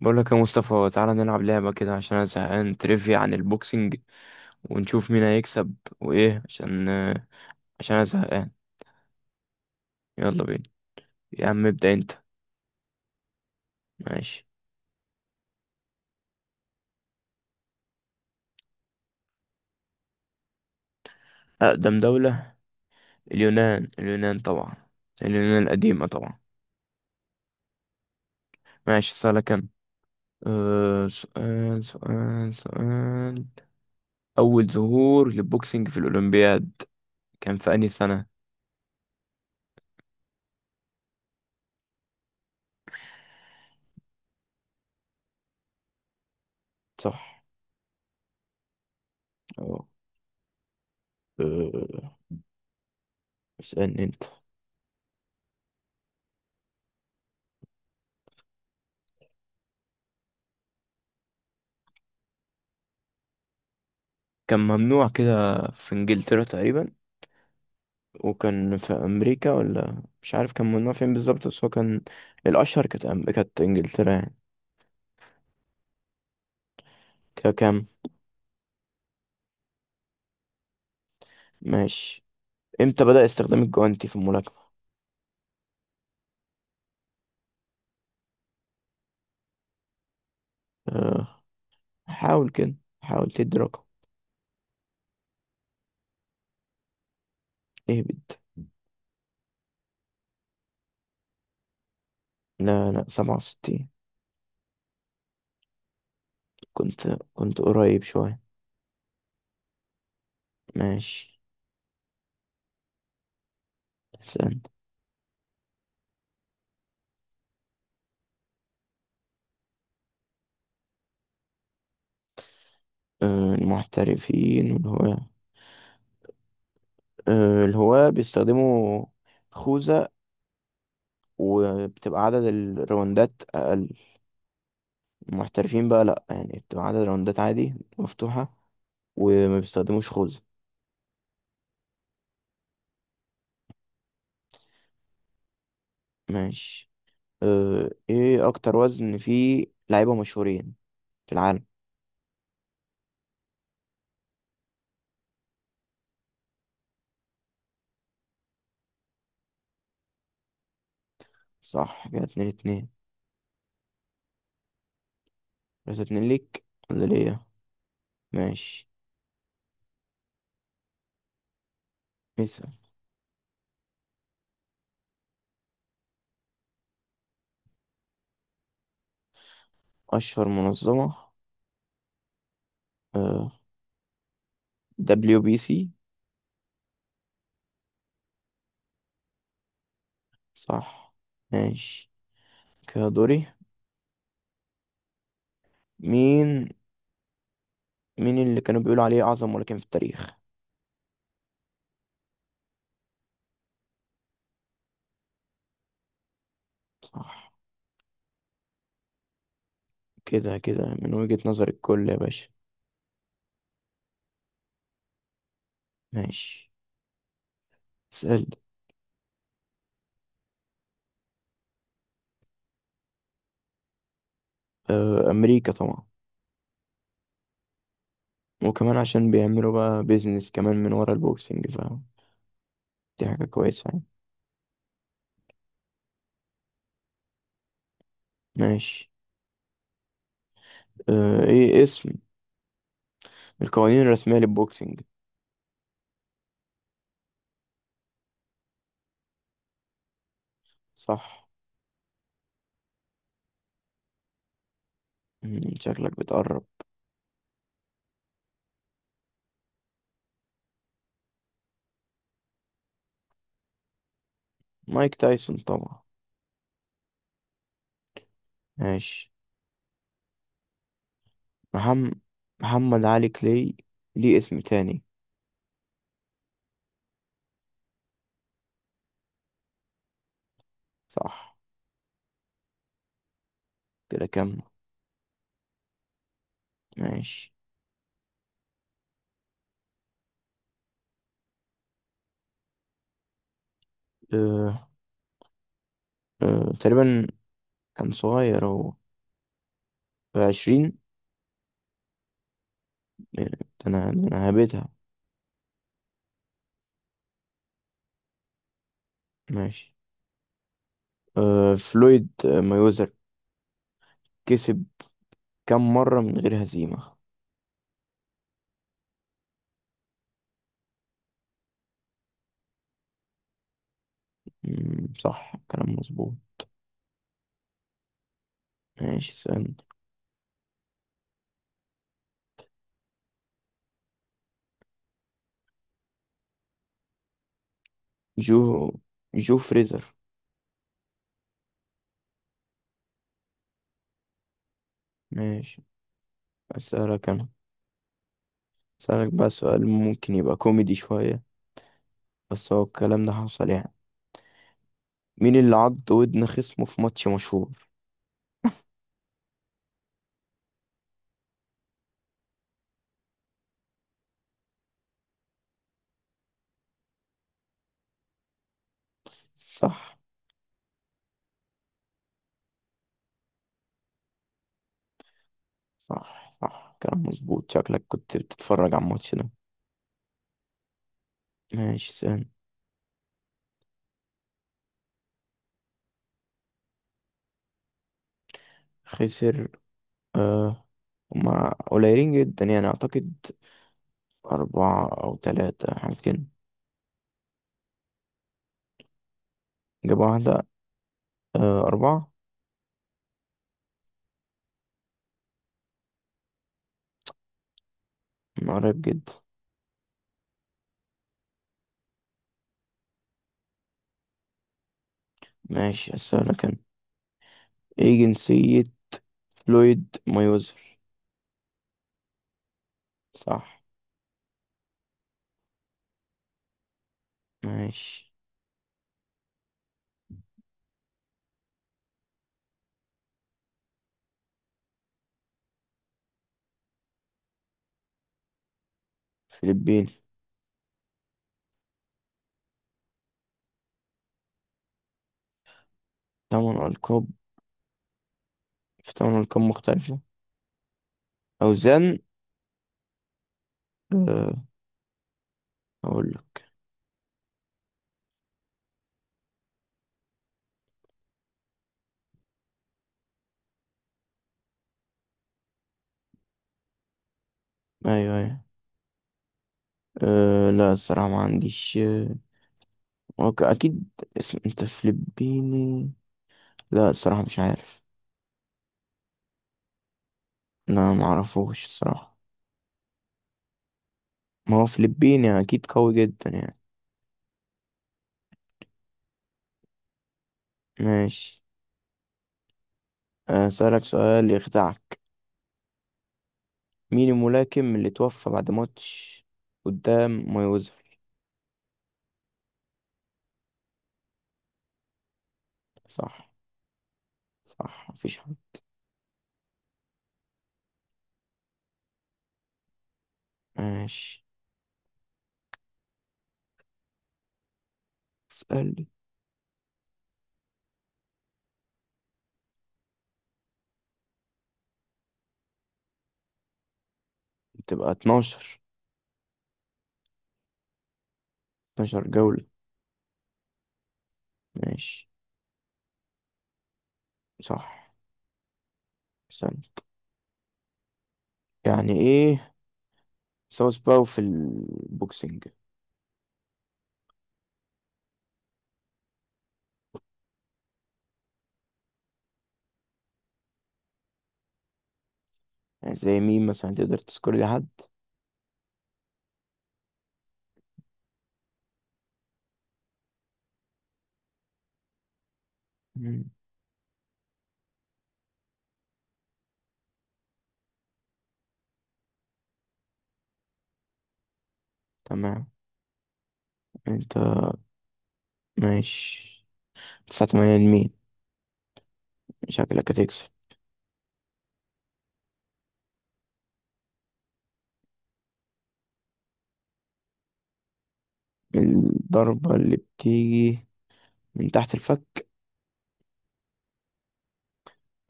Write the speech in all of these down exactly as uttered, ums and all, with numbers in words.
بقول لك يا مصطفى، تعالى نلعب لعبة كده عشان انا زهقان. تريفيا عن البوكسنج ونشوف مين هيكسب. وايه؟ عشان عشان انا زهقان. يلا بينا. يا عم ابدأ انت. ماشي. أقدم دولة. اليونان، اليونان طبعا. اليونان القديمة طبعا. ماشي، سؤالك انا. أه. سؤال سؤال سؤال. أول ظهور للبوكسنج في الأولمبياد كان في أنهي سنة؟ صح. أه. آه. اسألني أنت. كان ممنوع كده في إنجلترا تقريبا. وكان في امريكا ولا مش عارف كان منها فين بالظبط، بس هو كان الاشهر، كانت أم... كانت انجلترا يعني. ككام؟ ماشي. امتى بدأ استخدام الجوانتي في الملاكمة؟ أه... حاول كده، حاول تدي رقم. اهبد. لا، لا، سبعة وستين. كنت كنت قريب شوية. ماشي. استنى. أه... المحترفين والهواة. أه... الهواة بيستخدموا خوذة وبتبقى عدد الراوندات أقل. المحترفين بقى لأ، يعني بتبقى عدد راوندات عادي مفتوحة وما بيستخدموش خوذة. ماشي. اه، ايه اكتر وزن فيه لعيبة مشهورين في العالم؟ صح. كده اتنين اتنين. بس اتنين ليك ولا ليا؟ ماشي. اسأل. اشهر منظمة. اه، دبليو بي سي. صح. ماشي. كده دوري. مين مين اللي كانوا بيقولوا عليه اعظم ملاكم في التاريخ؟ صح، كده كده من وجهة نظر الكل يا باشا. ماشي. اسأل. اه، امريكا طبعا. وكمان عشان بيعملوا بقى بيزنس كمان من ورا البوكسنج، فاهم؟ دي حاجة كويسة يعني. ماشي. اه، ايه اسم القوانين الرسمية للبوكسينج؟ صح. مم، شكلك بتقرب. مايك تايسون طبعا. ماشي. محمد محمد علي كلاي، ليه اسم تاني؟ صح. كده كم؟ ماشي. اه، اه تقريبا كان صغير هو، في عشرين. يعني ده انا ده انا هبتها. ماشي. اه، فلويد مايوزر كسب كم مرة من غير هزيمة؟ مم، صح كلام مظبوط. ماشي. سأل. جو جو فريزر. ماشي. أسألك أنا. أسألك بقى سؤال ممكن يبقى كوميدي شوية، بس هو الكلام ده حصل يعني. مين اللي عض ودن خصمه في ماتش مشهور؟ صح، صح، صح، كلام مظبوط، شكلك كنت بتتفرج على الماتش ده. ماشي سهل. خسر. آه، هما قليلين جدا يعني أعتقد. أربعة أو تلاتة حاجة كده. جاب واحدة. آه، أربعة. من قريب جدا. ماشي. أسألك أنا. إيه جنسية لويد مايوزر؟ صح. ماشي. فلبين. تمن ألقاب في تمن ألقاب مختلفة. أوزان. أه، أقول لك. أيوه، أيوه. أه، لا الصراحة ما عنديش. أه. أوكي، أكيد. اسم، أنت فلبيني؟ لا الصراحة مش عارف. لا، ما أعرفوش الصراحة. ما هو فلبيني، أكيد قوي جدا يعني. ماشي. آه، أسألك سؤال يخدعك. مين الملاكم اللي توفى بعد ماتش قدام مايوزر؟ صح. صح، مفيش حد. ماشي. اسألني. تبقى اتناشر اتناشر جولة. ماشي. صح. استنى. يعني ايه ساوث باو في البوكسنج؟ يعني زي مين مثلا، تقدر تذكر لي حد؟ مم. تمام. انت. ماشي. تسعة تمانية لمين؟ شكلك هتكسب. الضربة اللي بتيجي من تحت الفك،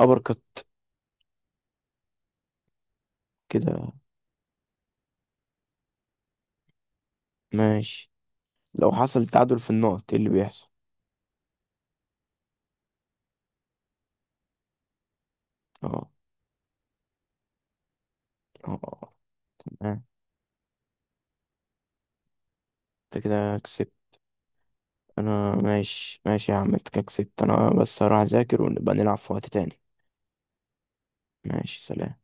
أبر كت. كده. ماشي. لو حصل تعادل في النقط، ايه اللي بيحصل؟ اه. اه. آه. انت كده كسبت. انا ماشي، ماشي يا عم، انت كده كسبت، انا بس هروح اذاكر ونبقى نلعب في وقت تاني. ماشي. سلام.